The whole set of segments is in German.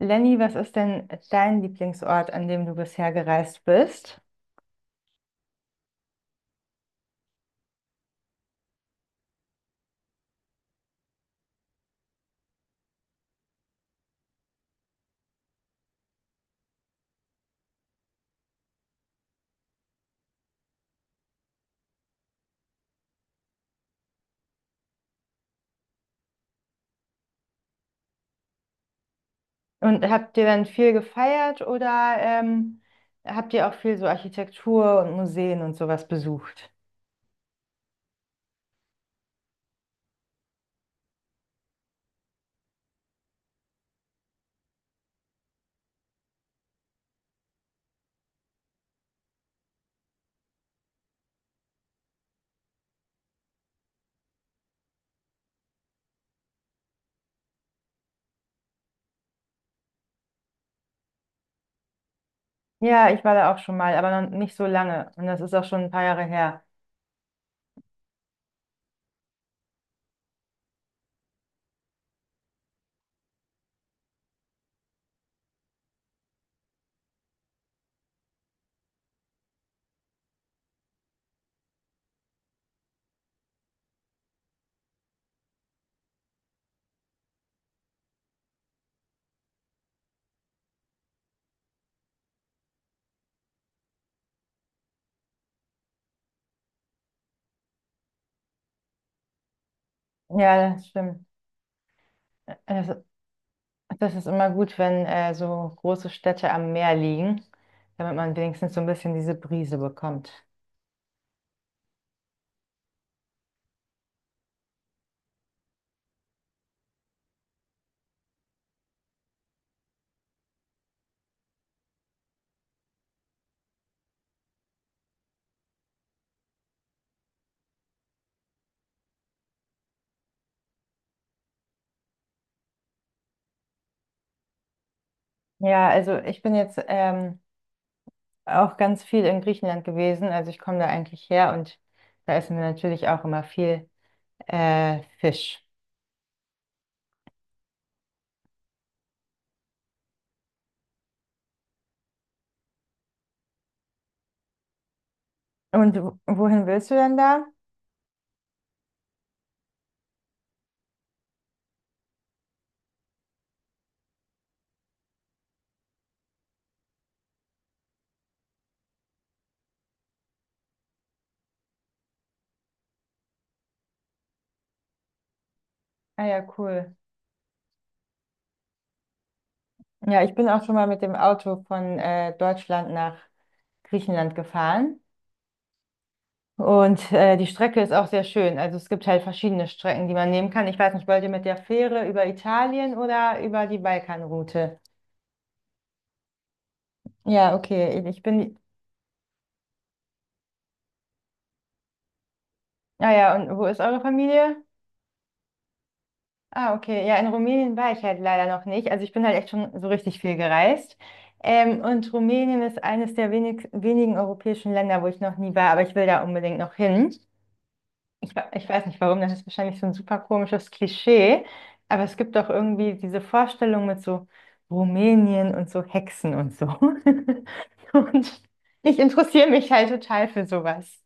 Lenny, was ist denn dein Lieblingsort, an dem du bisher gereist bist? Und habt ihr dann viel gefeiert oder habt ihr auch viel so Architektur und Museen und sowas besucht? Ja, ich war da auch schon mal, aber noch nicht so lange. Und das ist auch schon ein paar Jahre her. Ja, das stimmt. Das, das ist immer gut, wenn so große Städte am Meer liegen, damit man wenigstens so ein bisschen diese Brise bekommt. Ja, also ich bin jetzt auch ganz viel in Griechenland gewesen. Also ich komme da eigentlich her und da essen wir natürlich auch immer viel Fisch. Und wohin willst du denn da? Ah ja, cool. Ja, ich bin auch schon mal mit dem Auto von Deutschland nach Griechenland gefahren. Und die Strecke ist auch sehr schön. Also es gibt halt verschiedene Strecken, die man nehmen kann. Ich weiß nicht, wollt ihr mit der Fähre über Italien oder über die Balkanroute? Ja, okay. Ich bin. Ah ja, und wo ist eure Familie? Ah, okay. Ja, in Rumänien war ich halt leider noch nicht. Also ich bin halt echt schon so richtig viel gereist. Und Rumänien ist eines der wenigen europäischen Länder, wo ich noch nie war, aber ich will da unbedingt noch hin. Ich weiß nicht warum, das ist wahrscheinlich so ein super komisches Klischee, aber es gibt doch irgendwie diese Vorstellung mit so Rumänien und so Hexen und so. Und ich interessiere mich halt total für sowas.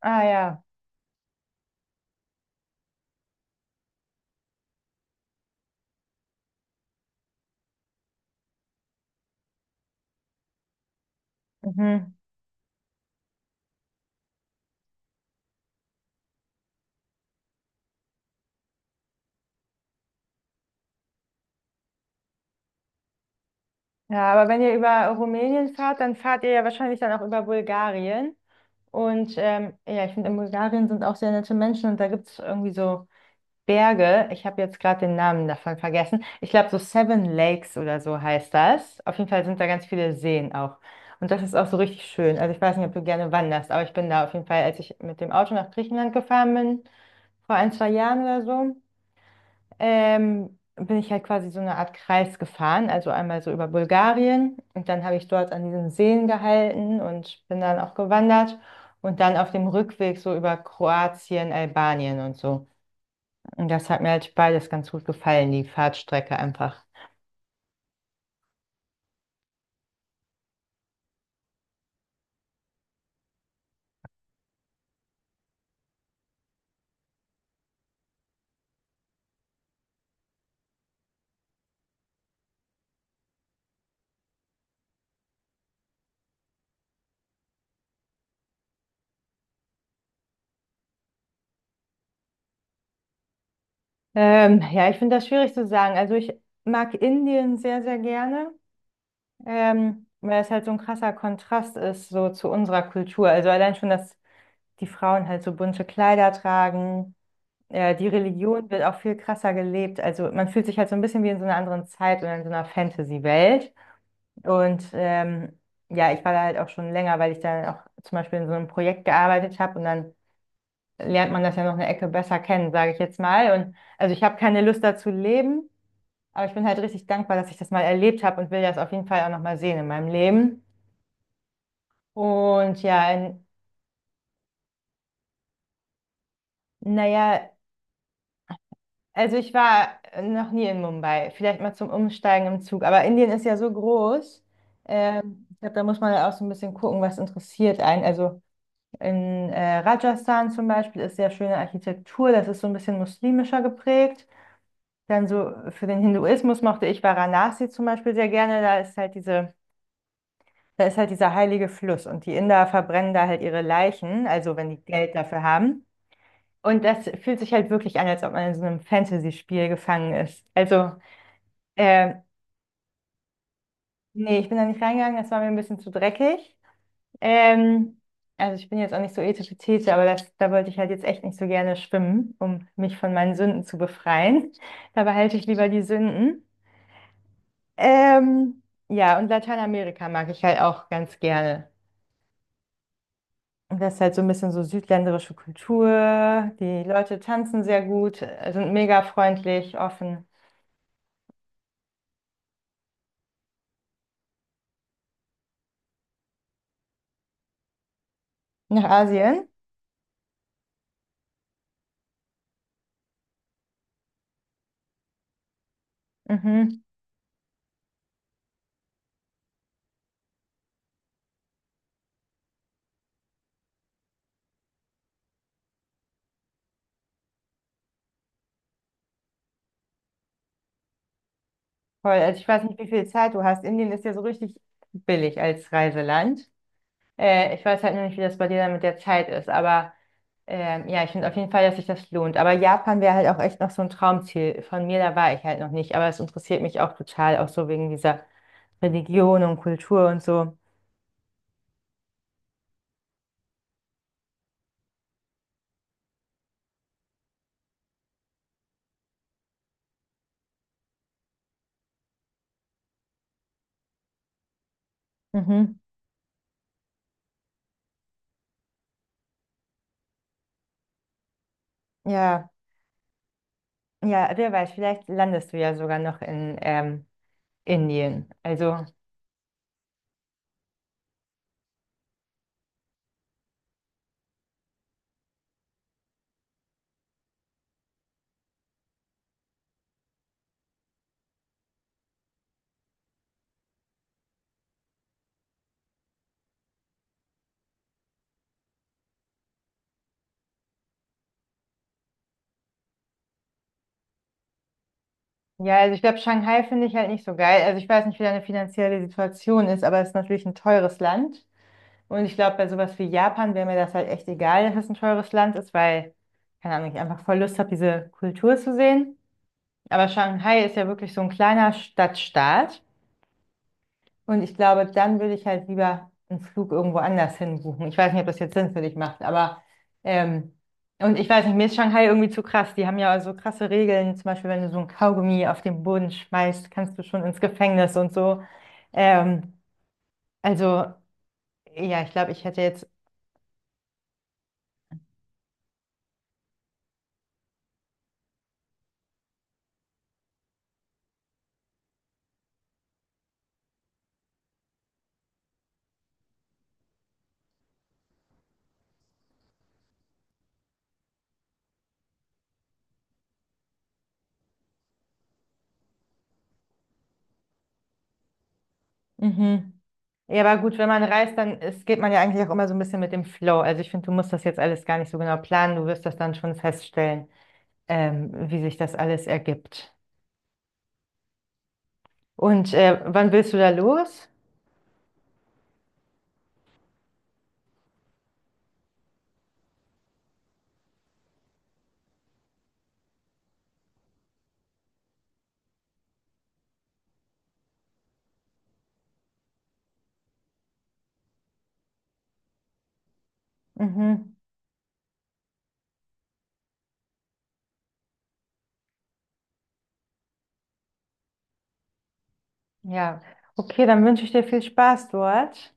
Ah ja. Mhm. Ja, aber wenn ihr über Rumänien fahrt, dann fahrt ihr ja wahrscheinlich dann auch über Bulgarien. Und ja, ich finde, in Bulgarien sind auch sehr nette Menschen und da gibt es irgendwie so Berge. Ich habe jetzt gerade den Namen davon vergessen. Ich glaube, so Seven Lakes oder so heißt das. Auf jeden Fall sind da ganz viele Seen auch. Und das ist auch so richtig schön. Also ich weiß nicht, ob du gerne wanderst, aber ich bin da auf jeden Fall, als ich mit dem Auto nach Griechenland gefahren bin, vor ein, zwei Jahren oder so, bin ich halt quasi so eine Art Kreis gefahren, also einmal so über Bulgarien und dann habe ich dort an diesen Seen gehalten und bin dann auch gewandert und dann auf dem Rückweg so über Kroatien, Albanien und so. Und das hat mir halt beides ganz gut gefallen, die Fahrtstrecke einfach. Ja, ich finde das schwierig zu sagen. Also ich mag Indien sehr, sehr gerne, weil es halt so ein krasser Kontrast ist so zu unserer Kultur. Also allein schon, dass die Frauen halt so bunte Kleider tragen. Ja, die Religion wird auch viel krasser gelebt. Also man fühlt sich halt so ein bisschen wie in so einer anderen Zeit oder in so einer Fantasy-Welt. Und ja, ich war da halt auch schon länger, weil ich dann auch zum Beispiel in so einem Projekt gearbeitet habe und dann lernt man das ja noch eine Ecke besser kennen, sage ich jetzt mal. Und also ich habe keine Lust dazu leben, aber ich bin halt richtig dankbar, dass ich das mal erlebt habe und will das auf jeden Fall auch nochmal sehen in meinem Leben. Und ja, naja. Also ich war noch nie in Mumbai, vielleicht mal zum Umsteigen im Zug, aber Indien ist ja so groß. Ich glaube, da muss man auch so ein bisschen gucken, was interessiert einen. Also in Rajasthan zum Beispiel ist sehr schöne Architektur, das ist so ein bisschen muslimischer geprägt. Dann so für den Hinduismus mochte ich Varanasi zum Beispiel sehr gerne. Da ist halt dieser heilige Fluss und die Inder verbrennen da halt ihre Leichen, also wenn die Geld dafür haben. Und das fühlt sich halt wirklich an, als ob man in so einem Fantasy-Spiel gefangen ist. Also ähm, nee, ich bin da nicht reingegangen, das war mir ein bisschen zu dreckig. Ähm, also ich bin jetzt auch nicht so ethische Tete, aber das, da wollte ich halt jetzt echt nicht so gerne schwimmen, um mich von meinen Sünden zu befreien. Da behalte ich lieber die Sünden. Ähm, ja, und Lateinamerika mag ich halt auch ganz gerne. Und das ist halt so ein bisschen so südländerische Kultur. Die Leute tanzen sehr gut, sind mega freundlich, offen. Nach Asien? Mhm. Voll. Also ich weiß nicht, wie viel Zeit du hast. Indien ist ja so richtig billig als Reiseland. Ich weiß halt nur nicht, wie das bei dir dann mit der Zeit ist, aber ja, ich finde auf jeden Fall, dass sich das lohnt. Aber Japan wäre halt auch echt noch so ein Traumziel von mir, da war ich halt noch nicht, aber es interessiert mich auch total, auch so wegen dieser Religion und Kultur und so. Mhm. Ja, ja, wer weiß, vielleicht landest du ja sogar noch in Indien. Also ja, also ich glaube, Shanghai finde ich halt nicht so geil. Also ich weiß nicht, wie deine finanzielle Situation ist, aber es ist natürlich ein teures Land. Und ich glaube, bei sowas wie Japan wäre mir das halt echt egal, dass es ein teures Land ist, weil, keine Ahnung, ich einfach voll Lust habe, diese Kultur zu sehen. Aber Shanghai ist ja wirklich so ein kleiner Stadtstaat. Und ich glaube, dann würde ich halt lieber einen Flug irgendwo anders hin buchen. Ich weiß nicht, ob das jetzt Sinn für dich macht, aber ähm, und ich weiß nicht, mir ist Shanghai irgendwie zu krass. Die haben ja so krasse Regeln. Zum Beispiel, wenn du so ein Kaugummi auf den Boden schmeißt, kannst du schon ins Gefängnis und so. Ähm, also, ja, ich glaube, ich hätte jetzt. Mhm. Ja, aber gut, wenn man reist, dann ist, geht man ja eigentlich auch immer so ein bisschen mit dem Flow. Also ich finde, du musst das jetzt alles gar nicht so genau planen. Du wirst das dann schon feststellen, wie sich das alles ergibt. Und wann willst du da los? Mhm. Ja, okay, dann wünsche ich dir viel Spaß dort.